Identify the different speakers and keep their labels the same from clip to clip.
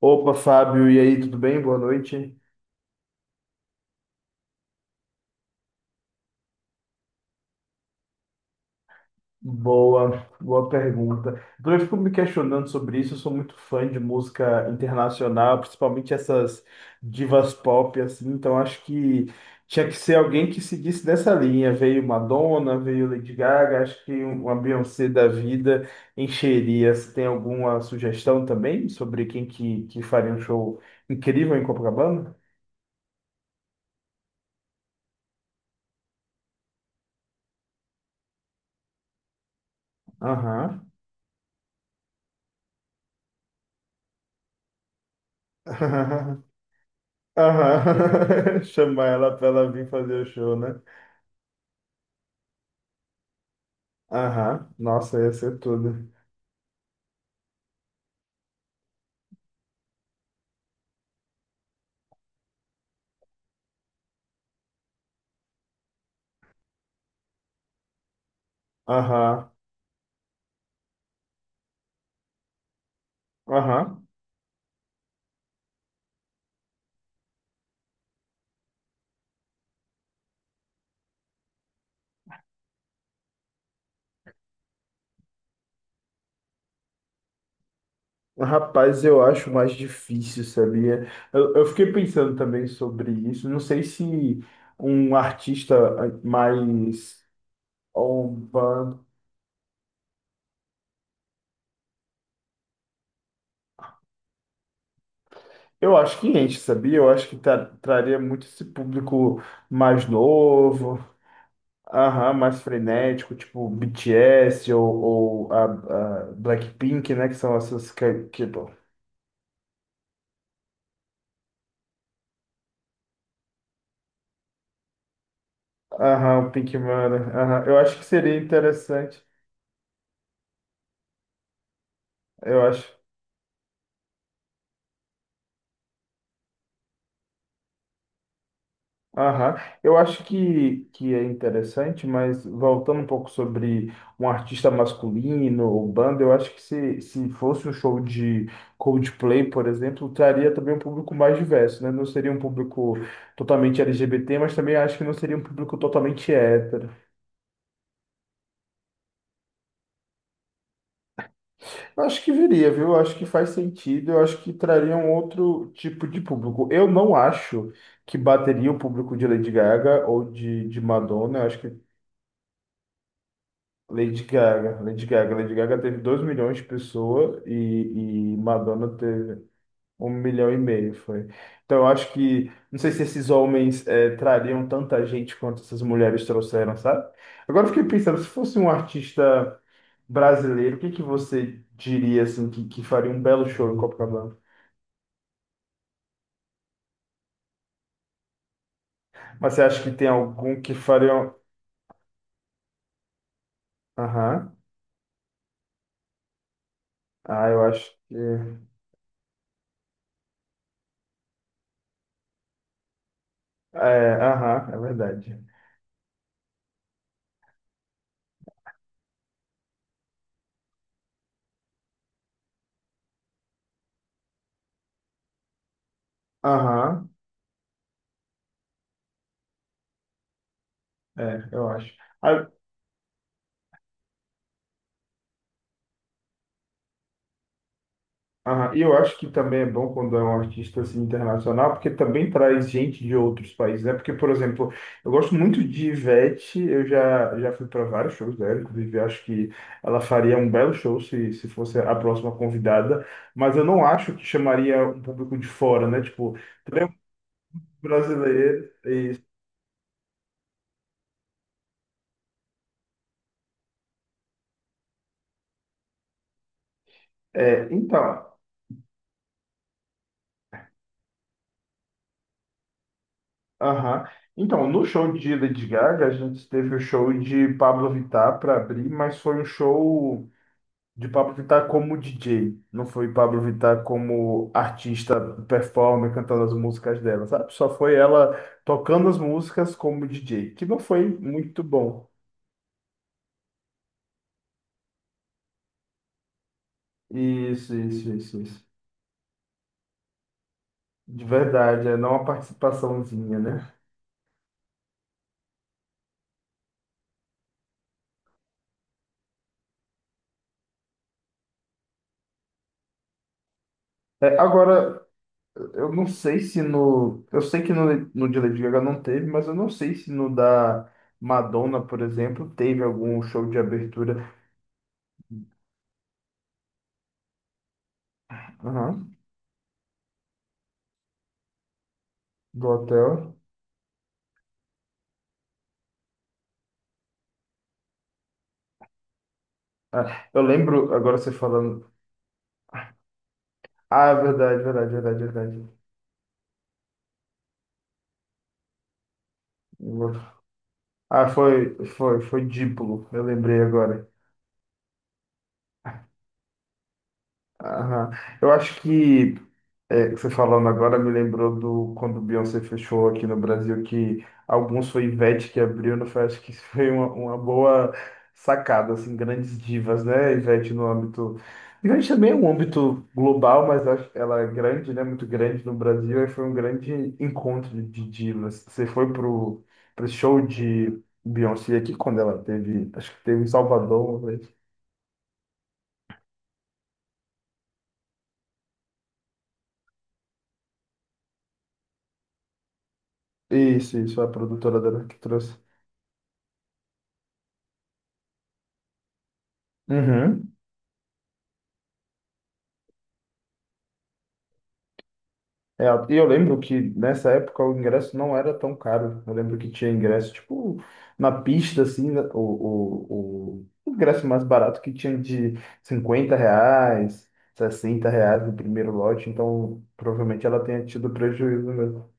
Speaker 1: Opa, Fábio, e aí, tudo bem? Boa noite. Boa, boa pergunta. Eu também fico me questionando sobre isso. Eu sou muito fã de música internacional, principalmente essas divas pop, assim. Então acho que tinha que ser alguém que seguisse dessa linha. Veio Madonna, veio Lady Gaga. Acho que uma Beyoncé da vida encheria. Você tem alguma sugestão também sobre quem que faria um show incrível em Copacabana? Aham. Aham. Chamar ela pra ela vir fazer o show, né? Aham. Nossa, ia ser tudo. Aham. Aham. Rapaz, eu acho mais difícil, sabia? Eu fiquei pensando também sobre isso. Não sei se um artista mais urbano. Eu acho que enche, sabia? Eu acho que traria muito esse público mais novo. Aham, mais frenético, tipo BTS ou a Blackpink, né? Que são essas que bom. Aham, o Pink Mara. Aham, eu acho que seria interessante. Eu acho. Aham, eu acho que é interessante, mas voltando um pouco sobre um artista masculino ou banda, eu acho que se fosse um show de Coldplay, por exemplo, traria também um público mais diverso, né? Não seria um público totalmente LGBT, mas também acho que não seria um público totalmente hétero. Eu acho que viria, viu? Eu acho que faz sentido, eu acho que traria um outro tipo de público. Eu não acho que bateria o público de Lady Gaga ou de Madonna, eu acho que Lady Gaga teve 2 milhões de pessoas e Madonna teve 1,5 milhão, foi. Então eu acho que, não sei se esses homens trariam tanta gente quanto essas mulheres trouxeram, sabe? Agora eu fiquei pensando, se fosse um artista brasileiro, o que que você diria assim que faria um belo show em Copacabana? Mas você acha que tem algum que faria um... Aham. Ah, eu acho que é, aham, é verdade. Aham, é, eu acho. Ah, Ah, e eu acho que também é bom quando é um artista assim, internacional, porque também traz gente de outros países, né? Porque, por exemplo, eu gosto muito de Ivete, eu já fui para vários shows dela, inclusive acho que ela faria um belo show se fosse a próxima convidada, mas eu não acho que chamaria um público de fora, né? Tipo, três brasileiros e é, então, aham. Então, no show de Lady Gaga, a gente teve o show de Pablo Vittar para abrir, mas foi um show de Pablo Vittar como DJ, não foi Pablo Vittar como artista performer cantando as músicas dela, sabe? Só foi ela tocando as músicas como DJ, que não foi muito bom. Isso, isso, isso, isso. De verdade, é não é uma participaçãozinha, né? É, agora, eu não sei se no. Eu sei que no, no de Lady Gaga não teve, mas eu não sei se no da Madonna, por exemplo, teve algum show de abertura. Aham, do hotel. Ah, eu lembro, agora você falando. Ah, é verdade, verdade, verdade, verdade. Ah, foi dípulo, eu lembrei agora. Aham. Eu acho que é, você falando agora me lembrou do quando o Beyoncé fechou aqui no Brasil, que alguns foi Ivete que abriu, não foi? Acho que isso foi uma boa sacada, assim, grandes divas, né? Ivete no âmbito. Ivete também é um âmbito global, mas acho que ela é grande, né? Muito grande no Brasil, e foi um grande encontro de divas. Você foi pro show de Beyoncé aqui quando ela teve, acho que teve em Salvador, né? Isso, a produtora dela que trouxe. Uhum. É, e eu lembro que nessa época o ingresso não era tão caro. Eu lembro que tinha ingresso, tipo, na pista, assim, né, o ingresso mais barato que tinha de R$ 50, R$ 60 no primeiro lote. Então, provavelmente ela tenha tido prejuízo mesmo.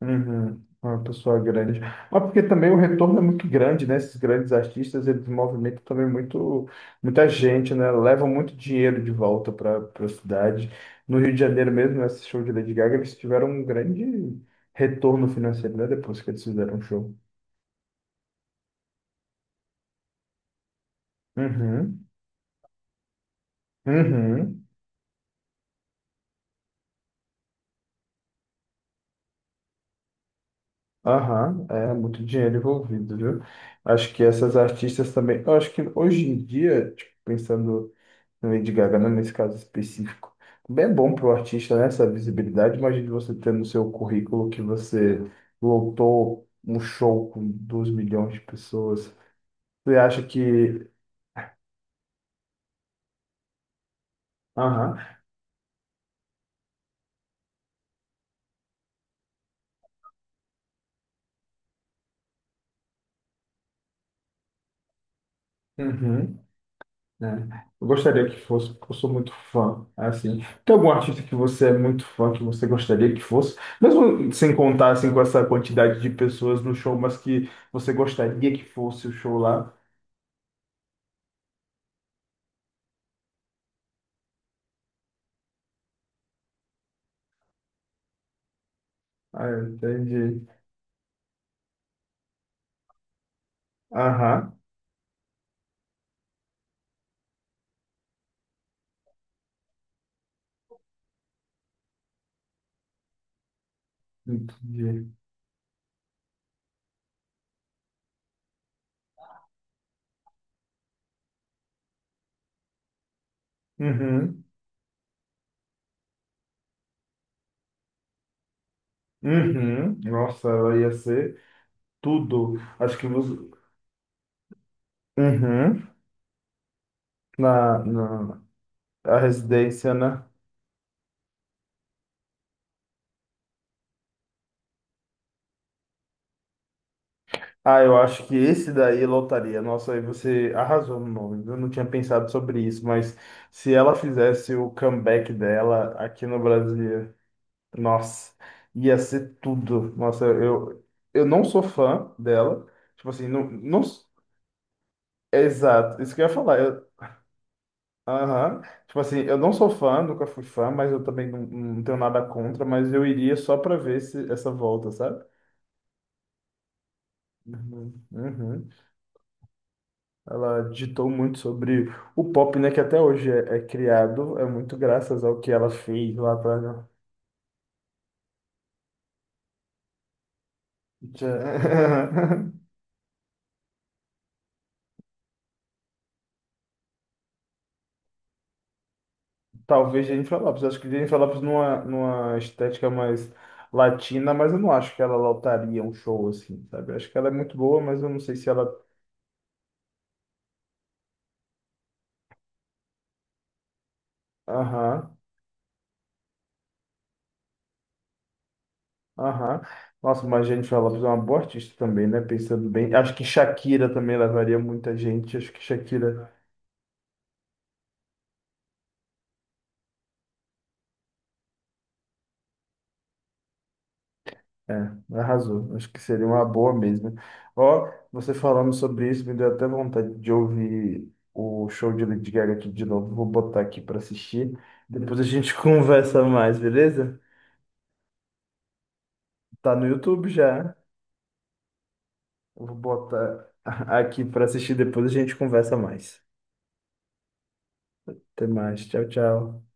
Speaker 1: Uhum. Uma pessoa grande. Mas porque também o retorno é muito grande, né? Esses grandes artistas, eles movimentam também muito, muita gente, né? Levam muito dinheiro de volta para a cidade. No Rio de Janeiro mesmo, esse show de Lady Gaga, eles tiveram um grande retorno financeiro, né? Depois que eles fizeram o show. Uhum. Uhum. Aham, é muito dinheiro envolvido, viu? Acho que essas artistas também. Eu acho que hoje em dia, tipo, pensando. Lady Gaga, né, nesse caso específico. Bem é bom para o artista, né, essa visibilidade. Imagine você ter no seu currículo que você lotou um show com 2 milhões de pessoas. Você acha que. Aham, uhum, né. Eu gostaria que fosse, porque eu sou muito fã, assim. Tem algum artista que você é muito fã, que você gostaria que fosse? Mesmo sem contar, assim, com essa quantidade de pessoas no show, mas que você gostaria que fosse o show lá? Ah, entendi. Aham, entendi. Uhum, uhum. Nossa, ela ia ser tudo. Acho que você... uhum. Na a residência, né? Ah, eu acho que esse daí lotaria. Nossa, aí você arrasou no nome. Eu não tinha pensado sobre isso, mas se ela fizesse o comeback dela aqui no Brasil, nossa, ia ser tudo. Nossa, eu não sou fã dela. Tipo assim, não... Exato, isso que eu ia falar. Aham. Tipo assim, eu não sou fã, nunca fui fã, mas eu também não tenho nada contra, mas eu iria só para ver se essa volta, sabe? Uhum. Uhum. Ela ditou muito sobre o pop, né, que até hoje é criado, é muito graças ao que ela fez lá pra... Talvez Jennifer Lopes, acho que Jennifer Lopes numa estética mais latina, mas eu não acho que ela lotaria um show assim, sabe? Acho que ela é muito boa, mas eu não sei se ela... Aham. Aham. Nossa, mas a gente Lopes é uma boa artista também, né? Pensando bem. Acho que Shakira também levaria muita gente. Acho que Shakira, é, arrasou. Acho que seria uma boa mesmo. Ó, você falando sobre isso, me deu até vontade de ouvir o show de Lady Gaga aqui de novo. Vou botar aqui para assistir. Depois a gente conversa mais, beleza? Tá no YouTube já. Eu vou botar aqui para assistir. Depois a gente conversa mais. Até mais. Tchau, tchau.